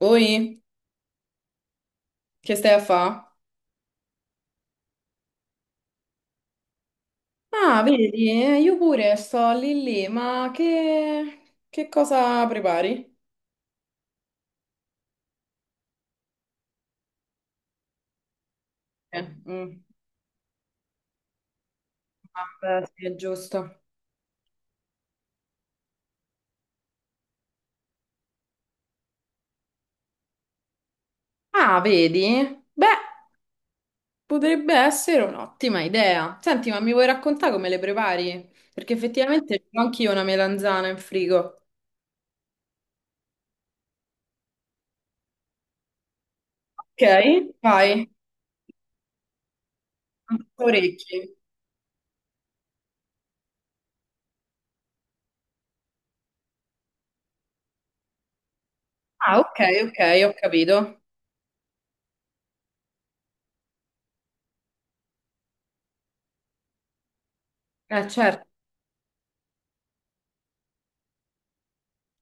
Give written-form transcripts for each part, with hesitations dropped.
Oi, che stai a fa? Ah, vedi, io pure sto lì lì, ma che cosa prepari? Eh, mm, vabbè, sì, è giusto. Ah, vedi? Beh, potrebbe essere un'ottima idea. Senti, ma mi vuoi raccontare come le prepari? Perché effettivamente ho anch'io una melanzana in frigo. Ok, vai. Orecchie. Ah, ok, ok, ho capito. Certo,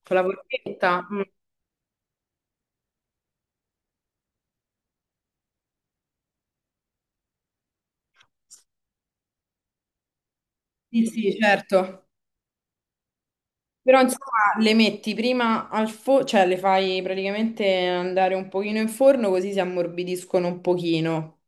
con la porchetta. Mm, sì, sì, certo. Però insomma le metti prima al forno, cioè le fai praticamente andare un pochino in forno così si ammorbidiscono un pochino.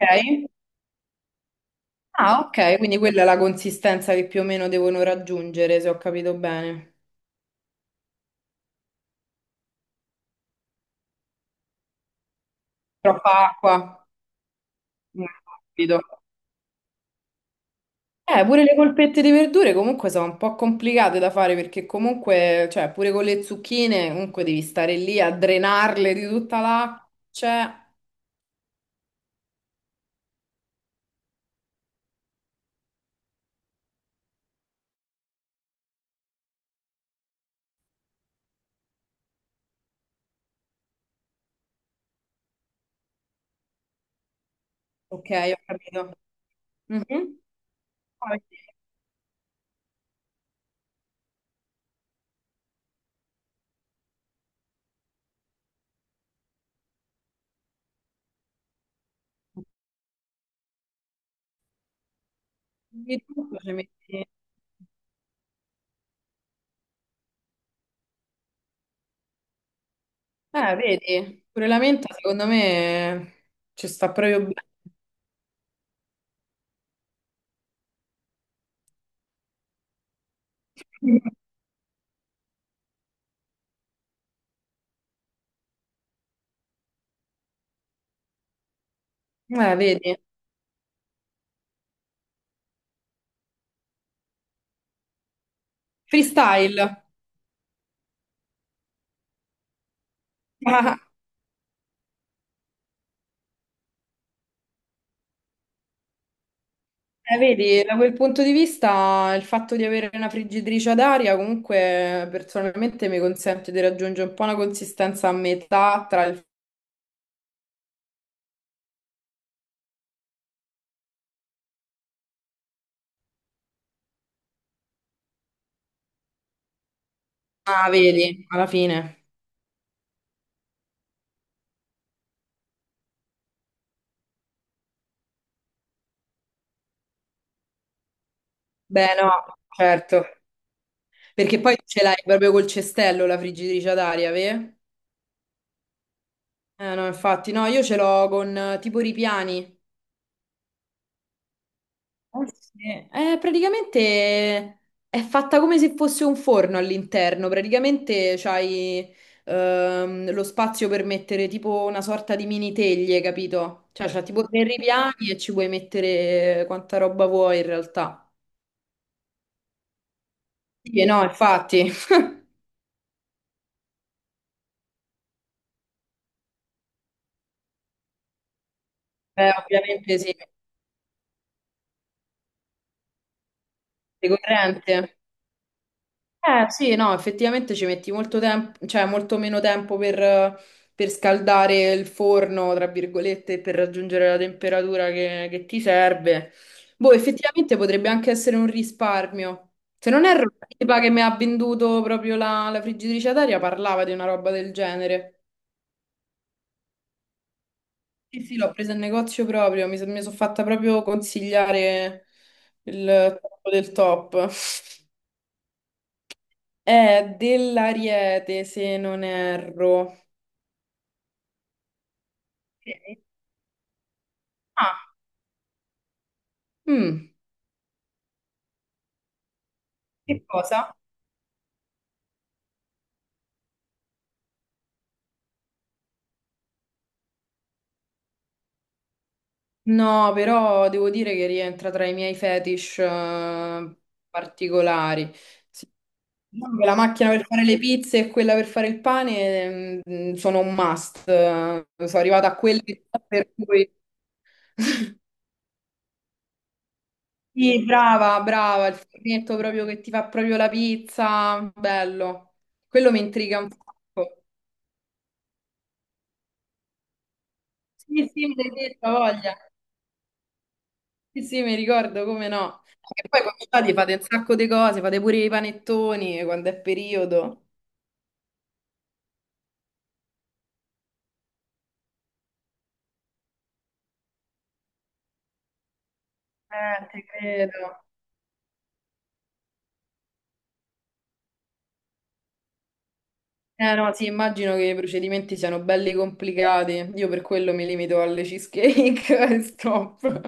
Ok? Ah, ok, quindi quella è la consistenza che più o meno devono raggiungere, se ho capito bene. Troppa acqua. Mm, capito. Pure le polpette di verdure comunque sono un po' complicate da fare perché comunque, cioè, pure con le zucchine, comunque devi stare lì a drenarle di tutta l'acqua. Cioè, ok, ho capito. Mhm. Poi- Ogni tanto ci metti- vedi, pure la menta secondo me ci sta proprio bene. Vedi, freestyle. Ah, vedi, da quel punto di vista il fatto di avere una friggitrice ad aria comunque personalmente mi consente di raggiungere un po' una consistenza a metà tra il... Ah, vedi, alla fine. Beh, no, certo. Perché poi ce l'hai proprio col cestello la friggitrice ad aria, vero? Eh no, infatti, no, io ce l'ho con tipo ripiani. Eh sì. Praticamente è fatta come se fosse un forno all'interno, praticamente c'hai lo spazio per mettere tipo una sorta di mini teglie, capito? Cioè c'ha tipo tre ripiani e ci puoi mettere quanta roba vuoi in realtà. Sì, no, infatti. Ovviamente sì, di corrente. Eh sì, no, effettivamente ci metti molto tempo, cioè molto meno tempo per scaldare il forno, tra virgolette, per raggiungere la temperatura che ti serve. Boh, effettivamente potrebbe anche essere un risparmio. Se non erro, la tipa che mi ha venduto proprio la friggitrice ad aria parlava di una roba del genere. Sì, sì, l'ho presa in negozio proprio, mi, sono fatta proprio consigliare il top del top. È dell'Ariete, se non erro. Ah, mm. Che cosa? No, però devo dire che rientra tra i miei fetish particolari. Sì, diciamo che la macchina per fare le pizze e quella per fare il pane sono un must. Sono arrivata a quelle per cui... Sì, brava, brava, il fornetto proprio che ti fa proprio la pizza, bello. Quello mi intriga un sacco. Sì, sì, mi hai detto, ha voglia. Sì, sì, mi ricordo, come no. E poi quando state fate un sacco di cose, fate pure i panettoni quando è periodo. Ti credo. Eh no, sì, immagino che i procedimenti siano belli complicati. Io per quello mi limito alle cheesecake e stop.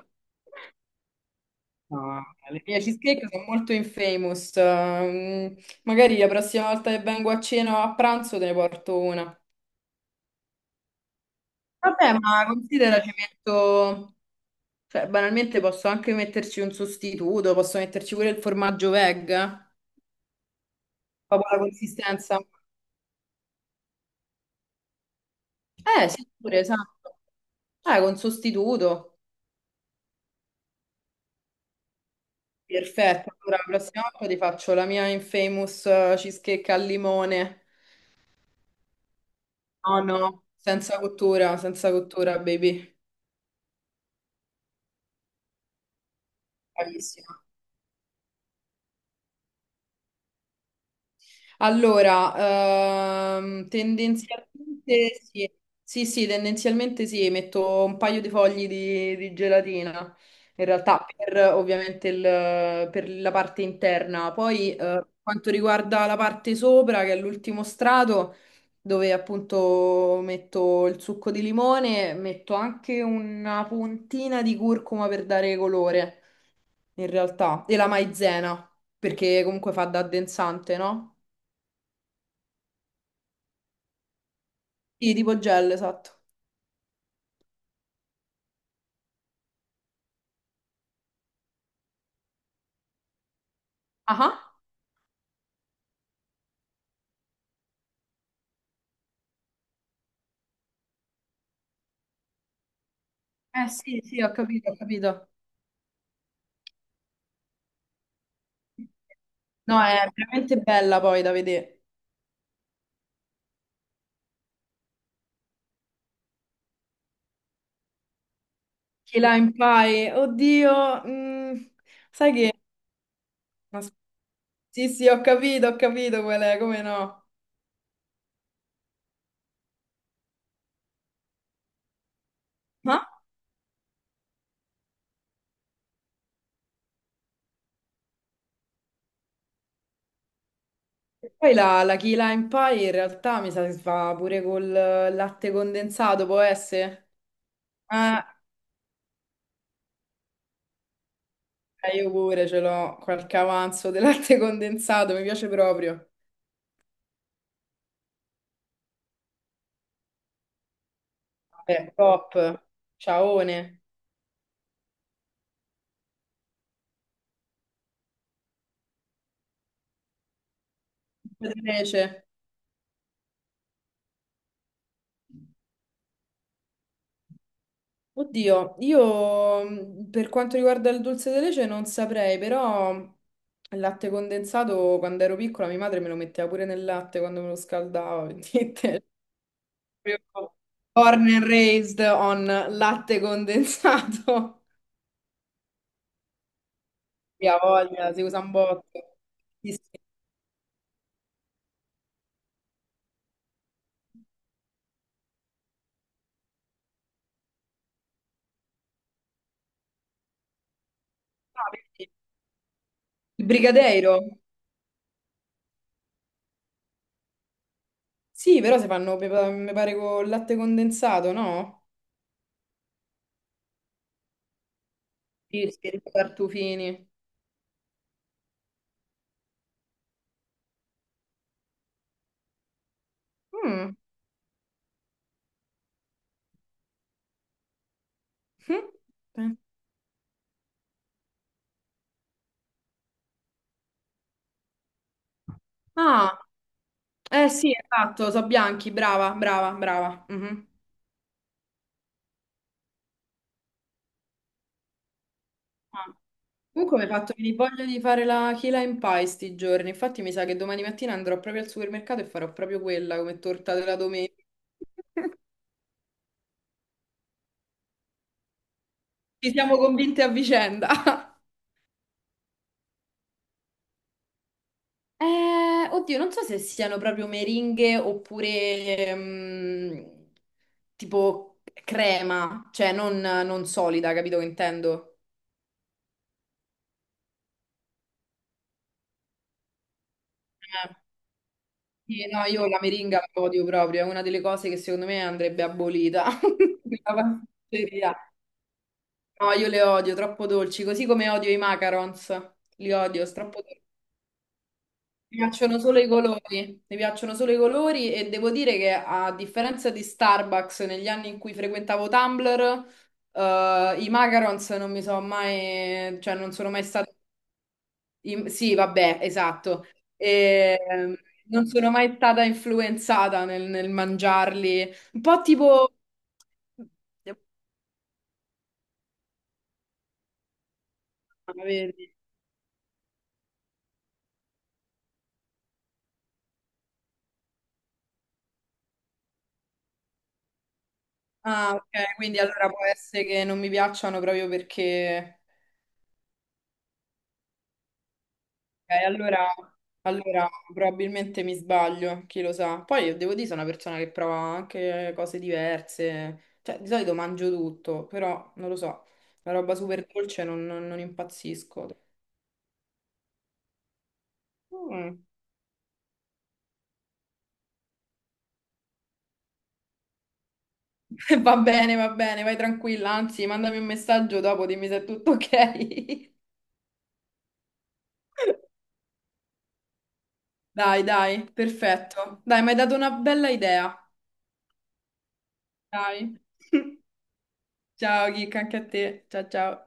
No, le mie cheesecake sono molto infamous. Magari la prossima volta che vengo a cena o a pranzo te ne porto una. Vabbè, ma considera ci metto. Cioè, banalmente posso anche metterci un sostituto, posso metterci pure il formaggio veg, proprio la consistenza. Sì, pure, esatto. Con sostituto. Perfetto. Allora, la prossima volta ti faccio la mia infamous cheesecake al limone. No, no, senza cottura, senza cottura, baby. Bravissima. Allora, tendenzialmente sì, sì, sì, tendenzialmente sì, metto un paio di fogli di gelatina, in realtà per ovviamente per la parte interna. Poi, per quanto riguarda la parte sopra, che è l'ultimo strato, dove appunto metto il succo di limone, metto anche una puntina di curcuma per dare colore, in realtà, e la maizena, perché comunque fa da addensante, no? Sì, tipo gel, esatto. Ah, ah. Eh sì, sì, ho capito, ho capito. No, è veramente bella poi da vedere. Key Lime Pie, oddio, sai che... Sì, sì, ho capito qual è, come no. Ah, e poi la Key Lime Pie in realtà mi sa che si fa pure col latte condensato, può essere? Ah. Io pure ce l'ho, qualche avanzo di latte condensato, mi piace proprio. Vabbè, top, ciaone. Invece. Oddio, io per quanto riguarda il dolce di leche non saprei, però il latte condensato quando ero piccola mia madre me lo metteva pure nel latte quando me lo scaldava, vedete? Proprio born and raised on latte condensato. Mia voglia, si usa un botto. Sì, sì. Ah, perché? Il brigadeiro? Sì, però si fanno, mi pare, con il latte condensato, no? Sì, sì, i tartufini. Mm. Mm. Ah. Eh sì, esatto, so bianchi, brava, brava, brava. Mhm. Ah, comunque mi hai fatto venire voglia di fare la key lime pie sti giorni, infatti mi sa che domani mattina andrò proprio al supermercato e farò proprio quella come torta della domenica. Ci siamo convinte a vicenda. Oddio, non so se siano proprio meringhe oppure tipo crema, cioè non solida, capito che intendo? Sì, no, io la meringa la odio proprio, è una delle cose che secondo me andrebbe abolita. La pasticceria. No, io le odio, troppo dolci, così come odio i macarons. Li odio, sono troppo dolci. Mi piacciono solo i colori, mi piacciono solo i colori e devo dire che a differenza di Starbucks negli anni in cui frequentavo Tumblr, i macarons non mi sono mai, cioè non sono mai stati. Sì, vabbè, esatto. E, non sono mai stata influenzata nel mangiarli. Un po' tipo... Ah, vedi. Ah, ok, quindi allora può essere che non mi piacciono proprio perché... Ok, allora probabilmente mi sbaglio, chi lo sa. Poi io devo dire, sono una persona che prova anche cose diverse. Cioè, di solito mangio tutto, però non lo so. La roba super dolce non impazzisco. Mm. Va bene, vai tranquilla, anzi, mandami un messaggio dopo, dimmi se è tutto ok. Dai, dai, perfetto. Dai, mi hai dato una bella idea. Dai. Ciao, Kika, anche a te. Ciao, ciao.